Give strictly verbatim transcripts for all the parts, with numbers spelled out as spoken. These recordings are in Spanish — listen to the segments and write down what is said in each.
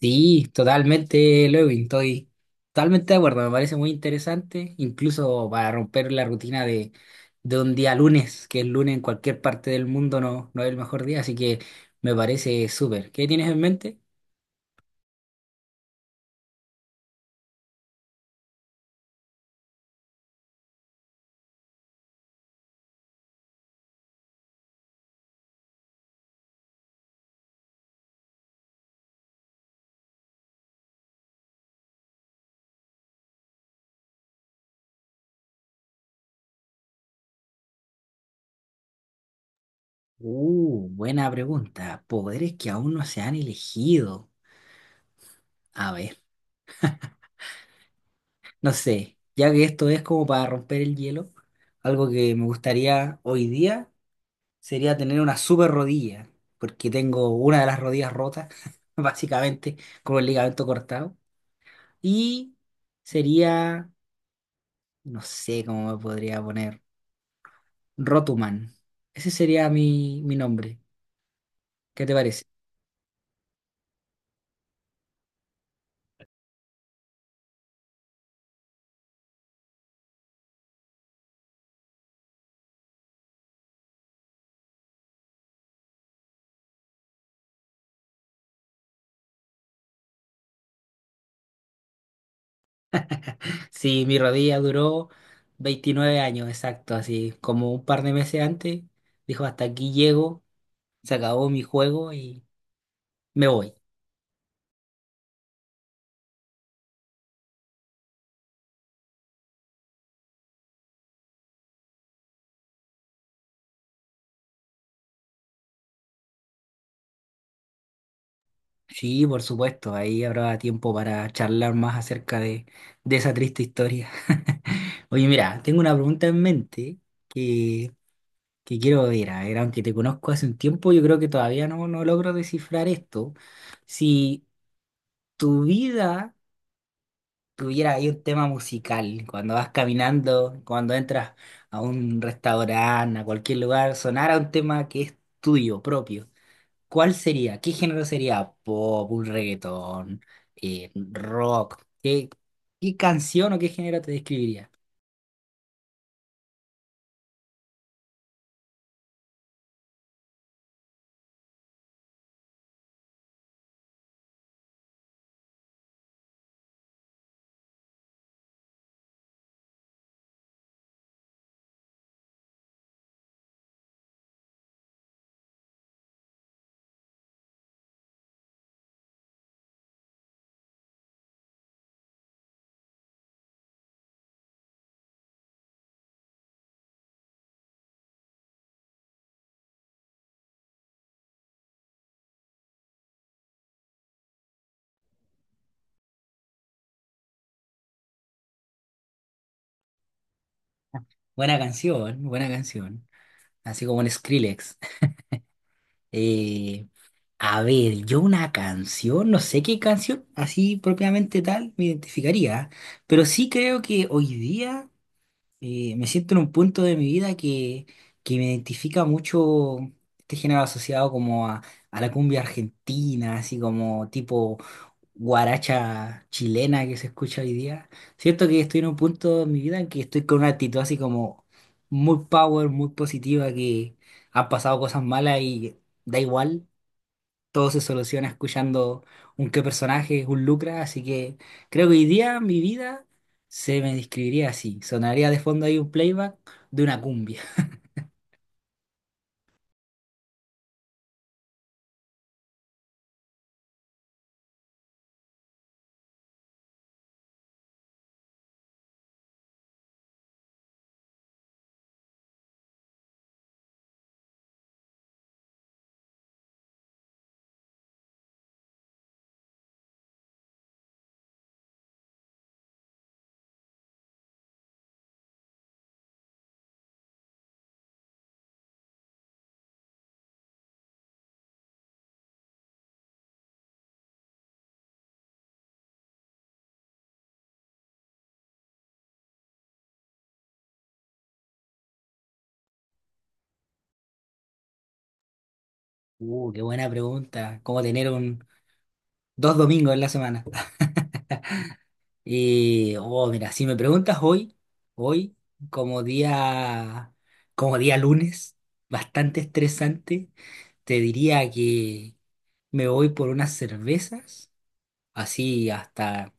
Sí, totalmente, Lewin, estoy totalmente de acuerdo, me parece muy interesante, incluso para romper la rutina de, de un día lunes, que el lunes en cualquier parte del mundo no, no es el mejor día, así que me parece súper. ¿Qué tienes en mente? Uh, buena pregunta. Poderes que aún no se han elegido. A ver, no sé, ya que esto es como para romper el hielo, algo que me gustaría hoy día sería tener una super rodilla, porque tengo una de las rodillas rotas, básicamente, con el ligamento cortado. Y sería, no sé cómo me podría poner, Rotuman. Ese sería mi, mi nombre. ¿Qué te parece? Sí, mi rodilla duró veintinueve años, exacto, así como un par de meses antes, dijo, hasta aquí llego, se acabó mi juego y me voy. Sí, por supuesto, ahí habrá tiempo para charlar más acerca de, de esa triste historia. Oye, mira, tengo una pregunta en mente que, que quiero ver, a ver, aunque te conozco hace un tiempo, yo creo que todavía no, no logro descifrar esto. Si tu vida tuviera ahí un tema musical, cuando vas caminando, cuando entras a un restaurante, a cualquier lugar, sonara un tema que es tuyo, propio. ¿Cuál sería? ¿Qué género sería? Pop, un reggaetón, eh, rock. ¿Qué, qué canción o qué género te describiría? Buena canción, buena canción. Así como un Skrillex. Eh, a ver, yo una canción, no sé qué canción, así propiamente tal, me identificaría. Pero sí creo que hoy día, eh, me siento en un punto de mi vida que, que me identifica mucho este género asociado como a, a la cumbia argentina, así como tipo guaracha chilena que se escucha hoy día. Siento que estoy en un punto de mi vida en que estoy con una actitud así como muy power, muy positiva, que han pasado cosas malas y da igual, todo se soluciona escuchando un qué personaje, un Lucra, así que creo que hoy día mi vida se me describiría así. Sonaría de fondo ahí un playback de una cumbia. Uh, qué buena pregunta. ¿Cómo tener un dos domingos en la semana? Y, oh, mira, si me preguntas hoy, hoy, como día, como día lunes, bastante estresante, te diría que me voy por unas cervezas, así hasta,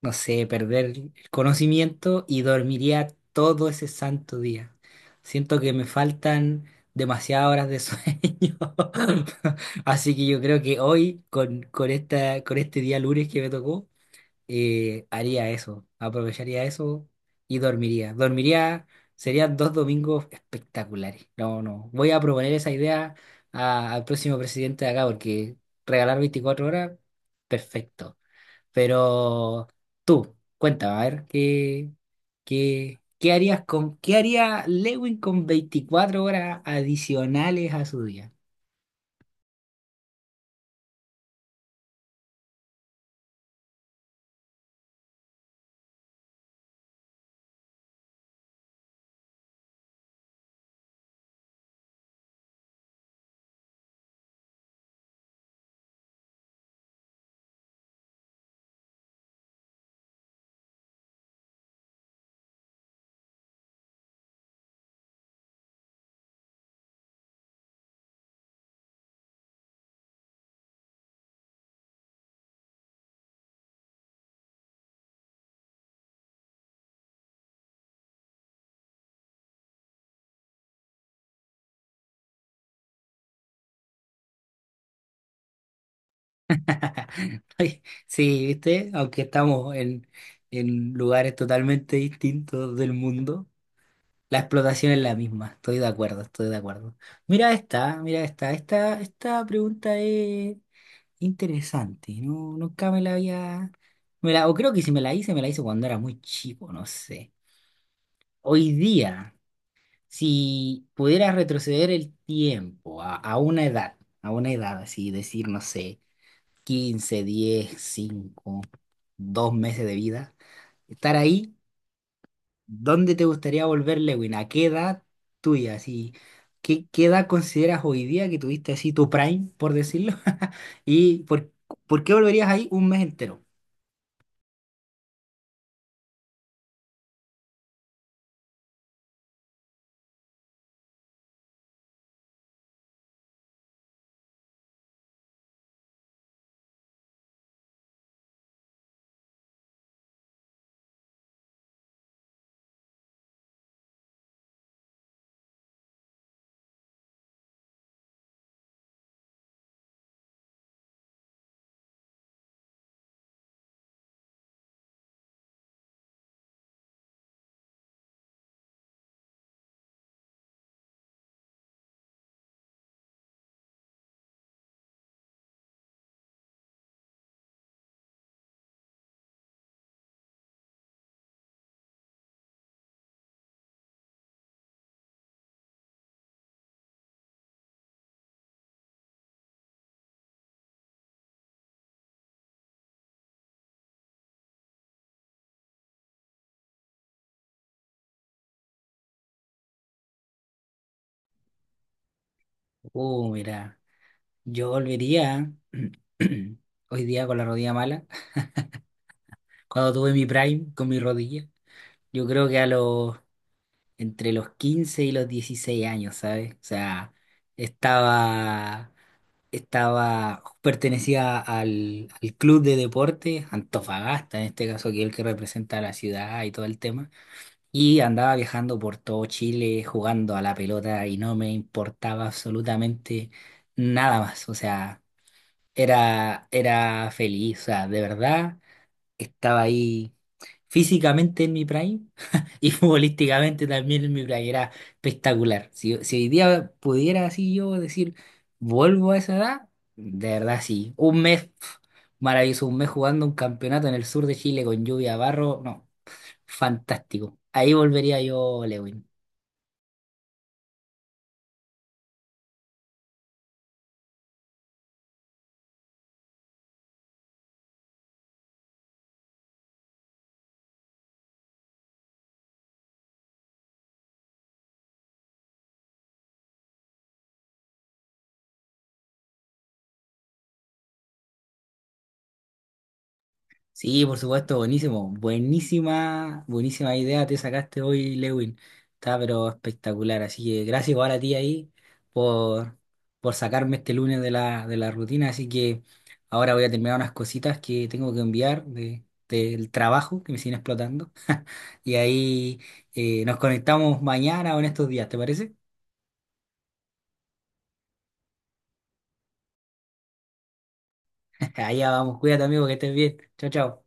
no sé, perder el conocimiento y dormiría todo ese santo día. Siento que me faltan demasiadas horas de sueño. Así que yo creo que hoy, con, con esta, con este día lunes que me tocó, eh, haría eso, aprovecharía eso y dormiría. Dormiría, serían dos domingos espectaculares. No, no, voy a proponer esa idea a- al próximo presidente de acá porque regalar veinticuatro horas, perfecto. Pero tú, cuéntame, a ver, ¿qué, qué, qué harías con, qué haría Lewin con veinticuatro horas adicionales a su día? Ay, sí, viste, aunque estamos en, en lugares totalmente distintos del mundo, la explotación es la misma. Estoy de acuerdo, estoy de acuerdo. Mira esta, mira esta, esta, esta pregunta es interesante. No, nunca me la había, me la, o creo que si me la hice, me la hice cuando era muy chico, no sé. Hoy día, si pudieras retroceder el tiempo a, a una edad, a una edad así, decir, no sé, quince, diez, cinco, dos meses de vida, estar ahí, ¿dónde te gustaría volver, Lewin? ¿A qué edad tuya? Así, ¿qué, qué edad consideras hoy día que tuviste así tu prime, por decirlo? ¿Y por, por qué volverías ahí un mes entero? Oh, mira, yo volvería hoy día con la rodilla mala, cuando tuve mi prime con mi rodilla, yo creo que a los, entre los quince y los dieciséis años, ¿sabes? O sea, estaba... estaba, pertenecía al, al club de deportes Antofagasta, en este caso, que es el que representa a la ciudad y todo el tema, y andaba viajando por todo Chile jugando a la pelota y no me importaba absolutamente nada más, o sea, era, era feliz, o sea, de verdad, estaba ahí físicamente en mi prime, y futbolísticamente también en mi playera espectacular. Si, si hoy día pudiera así yo decir, vuelvo a esa edad, de verdad sí. Un mes, pf, maravilloso, un mes jugando un campeonato en el sur de Chile con lluvia, barro, no, fantástico. Ahí volvería yo, Lewin. Sí, por supuesto, buenísimo. Buenísima, buenísima idea te sacaste hoy, Lewin. Está pero espectacular. Así que gracias igual a ti ahí por, por sacarme este lunes de la, de la rutina. Así que ahora voy a terminar unas cositas que tengo que enviar de, del trabajo que me siguen explotando. Y ahí eh, nos conectamos mañana o en estos días, ¿te parece? Allá vamos, cuídate amigo, que estés bien. Chao, chao.